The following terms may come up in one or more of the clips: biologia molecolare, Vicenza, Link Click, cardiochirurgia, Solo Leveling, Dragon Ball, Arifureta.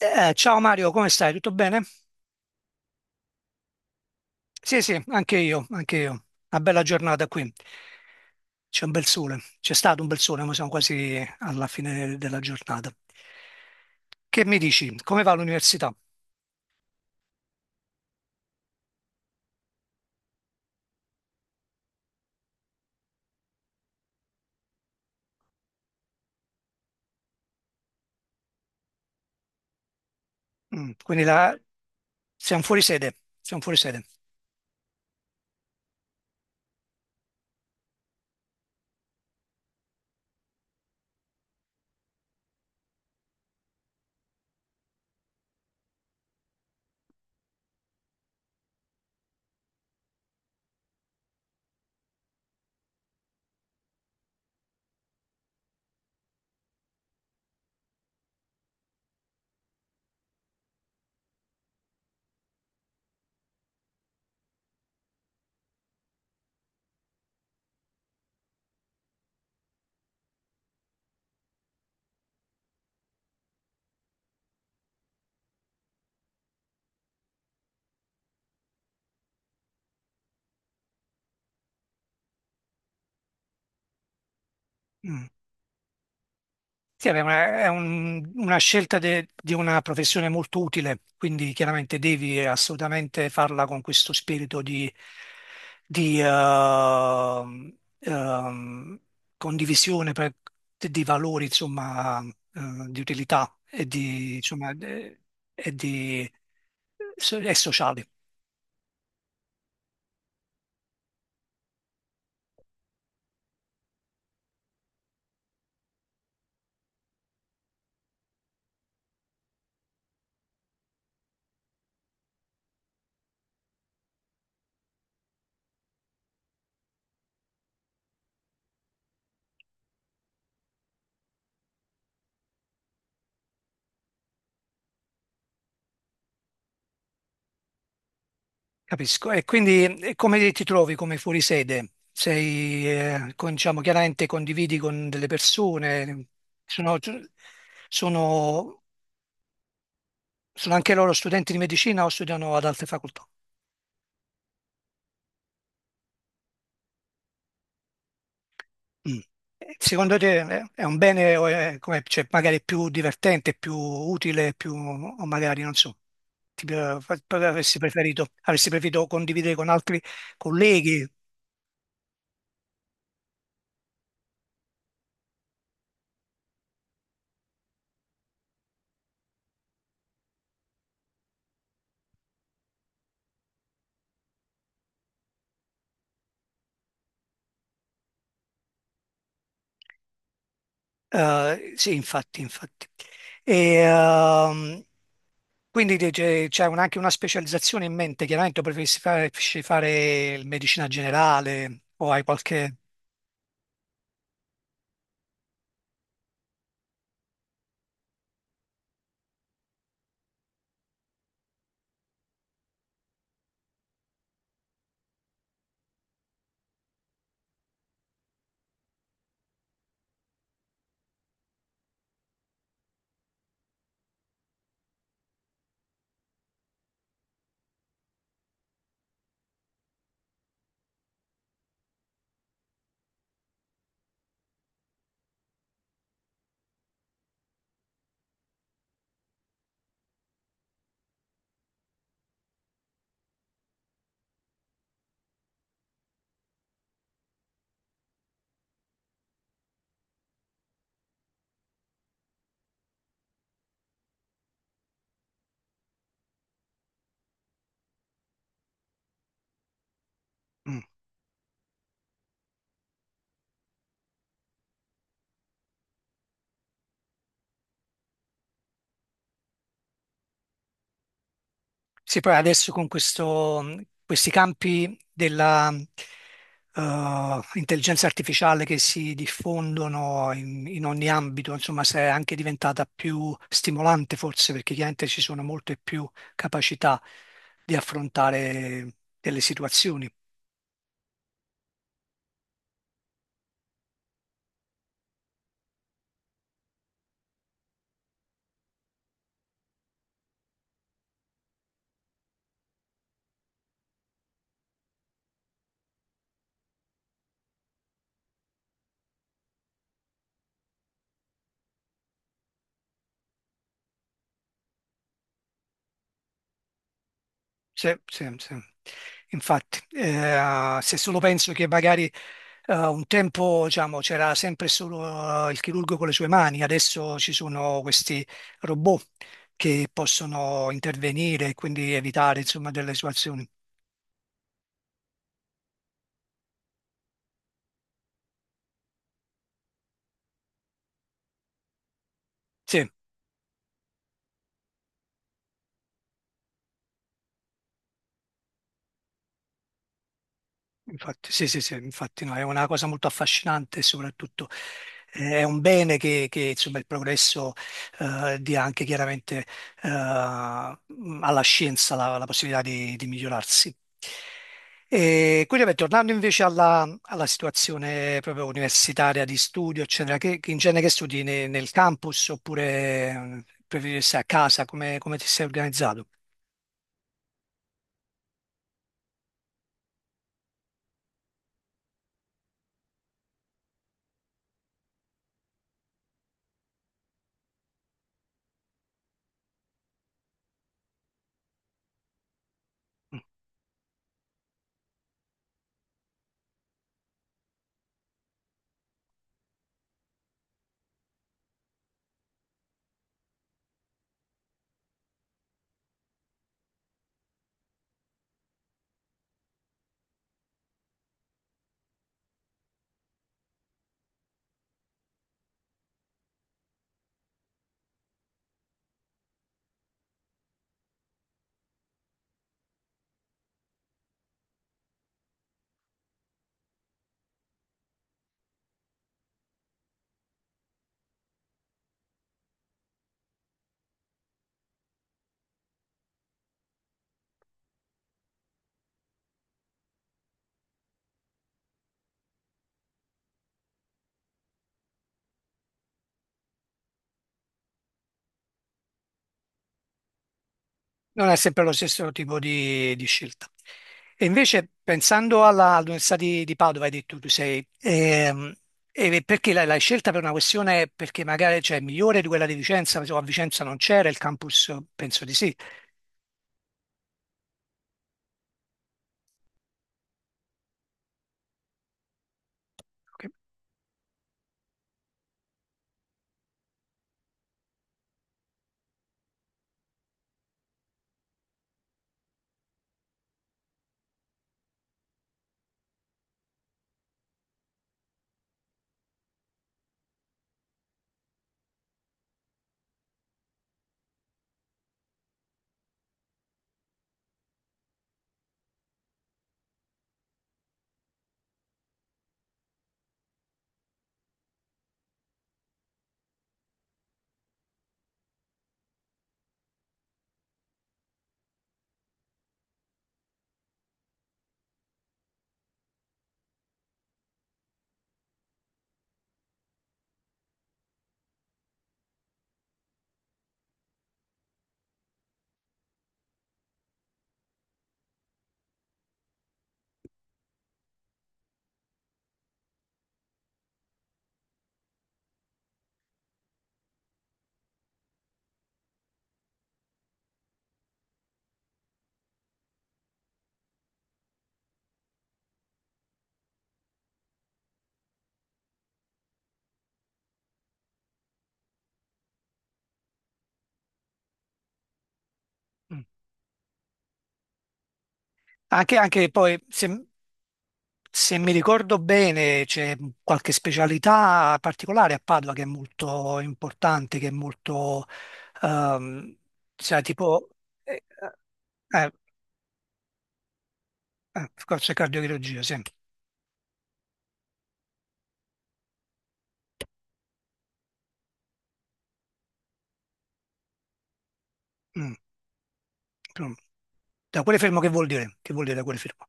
Ciao Mario, come stai? Tutto bene? Sì, sì, anche io, anche io. Una bella giornata qui. C'è un bel sole. C'è stato un bel sole, ma siamo quasi alla fine della giornata. Che mi dici? Come va l'università? Mm, quindi la... Siamo fuori sede. Siamo fuori sede. Mm. Sì, è una, è un- una scelta di una professione molto utile, quindi chiaramente devi assolutamente farla con questo spirito di condivisione di valori, insomma, di utilità e di, insomma, e di, e sociali. Capisco. E quindi come ti trovi come fuorisede? Sei, diciamo, chiaramente condividi con delle persone, sono, sono- sono anche loro studenti di medicina o studiano ad altre facoltà? Mm. E secondo te è un bene o è come, cioè, magari più divertente, più utile, più, o magari, non so, avresti preferito condividere con altri colleghi? Sì, infatti, infatti. E quindi c'è anche una specializzazione in mente, chiaramente, o preferisci fare il medicina generale o hai qualche. Mm. Sì, poi adesso con questi campi della intelligenza artificiale che si diffondono in ogni ambito, insomma, se è anche diventata più stimolante forse perché chiaramente ci sono molte più capacità di affrontare delle situazioni. Sì, sì, sì. Infatti, se solo penso che magari un tempo, diciamo, c'era sempre solo il chirurgo con le sue mani, adesso ci sono questi robot che possono intervenire e quindi evitare, insomma, delle situazioni. Sì. Infatti, sì, sì, sì, infatti no, è una cosa molto affascinante e soprattutto è un bene che, insomma, il progresso dia anche chiaramente alla scienza la possibilità di migliorarsi. E quindi, vabbè, tornando invece alla situazione proprio universitaria di studio, eccetera, che in genere che studi nel campus oppure preferisci stare a casa, come ti sei organizzato? Non è sempre lo stesso tipo di scelta. E invece pensando all'Università di Padova, hai detto tu sei, e perché l'hai scelta per una questione, perché magari, cioè, è migliore di quella di Vicenza, insomma, a Vicenza non c'era il campus, penso di sì. Ok. Mm. Anche poi, se mi ricordo bene, c'è qualche specialità particolare a Padova che è molto importante, che è molto, ehm, sai, tipo, eh, eh, forse cardiochirurgia, sì. Mm. Da quale fermo che vuol dire? Che vuol dire da quale fermo?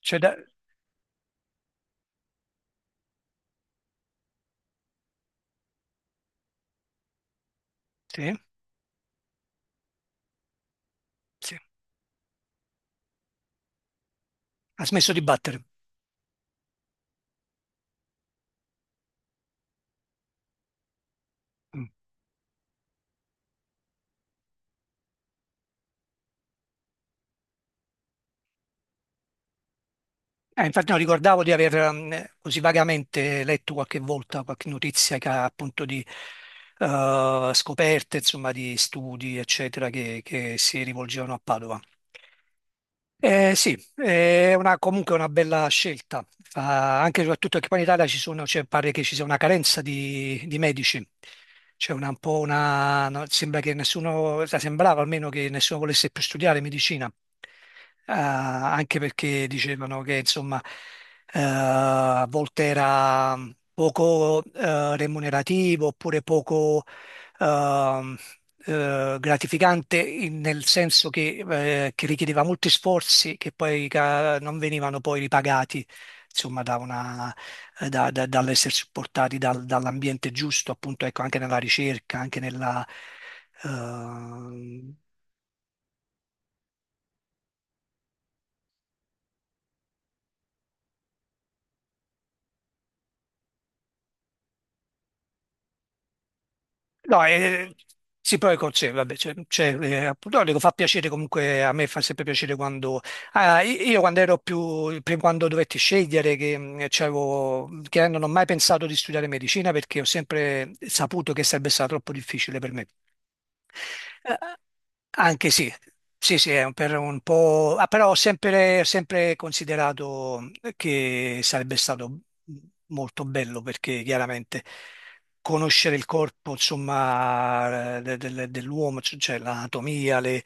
Cioè. Sì, sì. Ha smesso di battere. Mm. Infatti non ricordavo di aver così vagamente letto qualche volta qualche notizia che ha appunto di scoperte, insomma, di studi, eccetera, che si rivolgevano a Padova. Sì, è comunque una bella scelta, anche e soprattutto che poi in Italia ci sono, cioè, pare che ci sia una carenza di medici, c'è una, un po' una, no, sembra che nessuno, cioè, sembrava almeno che nessuno volesse più studiare medicina. Anche perché dicevano che insomma a volte era poco remunerativo oppure poco ehm, gratificante nel senso che richiedeva molti sforzi che poi non venivano poi ripagati, insomma, da una- da- da- dall'essere supportati dall'ambiente giusto, appunto, ecco, anche nella ricerca, anche nella, ehm, No, sì, poi con sé, vabbè, cioè, appunto, no, dico, fa piacere comunque, a me fa sempre piacere quando. Ah, io quando ero prima quando dovetti scegliere, che non ho mai pensato di studiare medicina perché ho sempre saputo che sarebbe stato troppo difficile per me. Anche sì, sì, sì, è per un po', ah, però ho sempre, sempre considerato che sarebbe stato molto bello perché chiaramente conoscere il corpo, insomma, dell'uomo, cioè l'anatomia, le,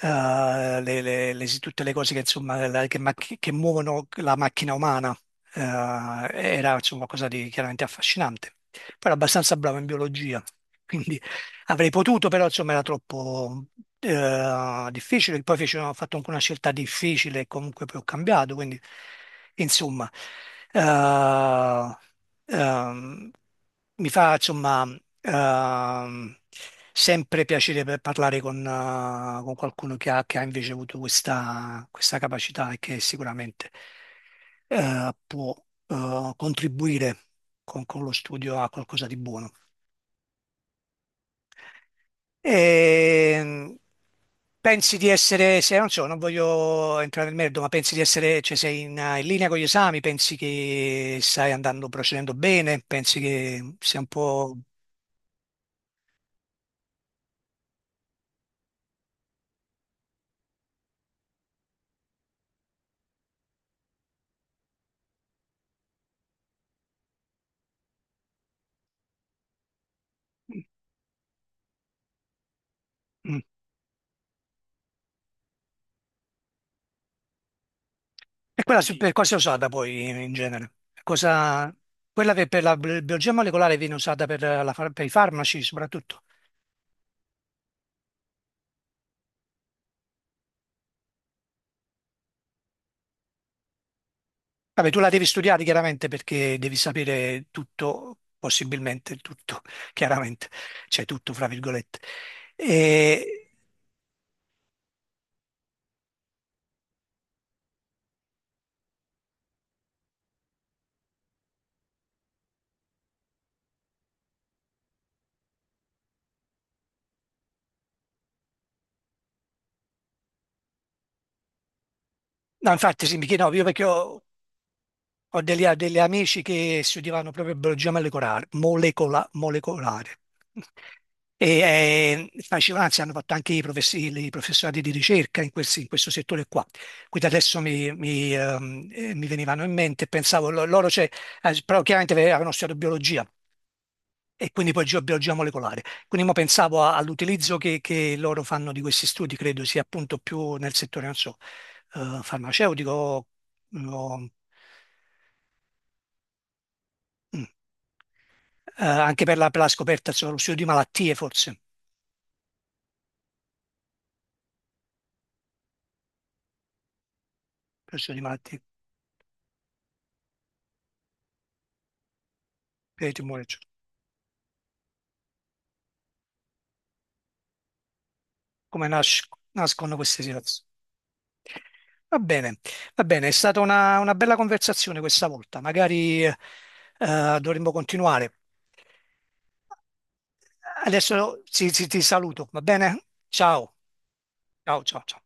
eh, le- le- le- tutte le cose che, insomma, che muovono la macchina umana, eh, era insomma qualcosa di chiaramente affascinante. Poi era abbastanza bravo in biologia, quindi avrei potuto, però insomma era troppo difficile. Poi ho fatto anche una scelta difficile e comunque poi ho cambiato. Quindi, insomma, eh, ehm, mi fa insomma ehm, sempre piacere per parlare con qualcuno che ha invece avuto questa capacità e che sicuramente può contribuire con lo studio a qualcosa di buono. E pensi di essere, se non so, non voglio entrare nel merito, ma pensi di essere, cioè sei in linea con gli esami, pensi che stai andando, procedendo bene, pensi che sia un po'. Mm. E quella. Sì. Per cosa è usata poi in genere? Cosa. Quella che per la biologia molecolare viene usata per i farmaci soprattutto. Vabbè, tu la devi studiare chiaramente perché devi sapere tutto, possibilmente tutto, chiaramente, cioè tutto fra virgolette. E, no, infatti sì, mi chiedevo, io perché ho degli amici che studiavano proprio biologia molecolare. E, facevano, anzi, hanno fatto anche i professorati di ricerca in questo settore qua. Quindi adesso mi venivano in mente, pensavo, loro, cioè, però chiaramente avevano studiato biologia, e quindi poi geobiologia molecolare. Quindi mo pensavo all'utilizzo che loro fanno di questi studi, credo sia appunto più nel settore, non so, farmaceutico o- mm, anche per la scoperta, insomma, lo studio di malattie forse, per lo studio di malattie, per i tumori, cioè, come nascono queste situazioni. Va bene, va bene, è stata una bella conversazione questa volta, magari dovremmo continuare. Adesso ti saluto, va bene? Ciao, ciao, ciao, ciao.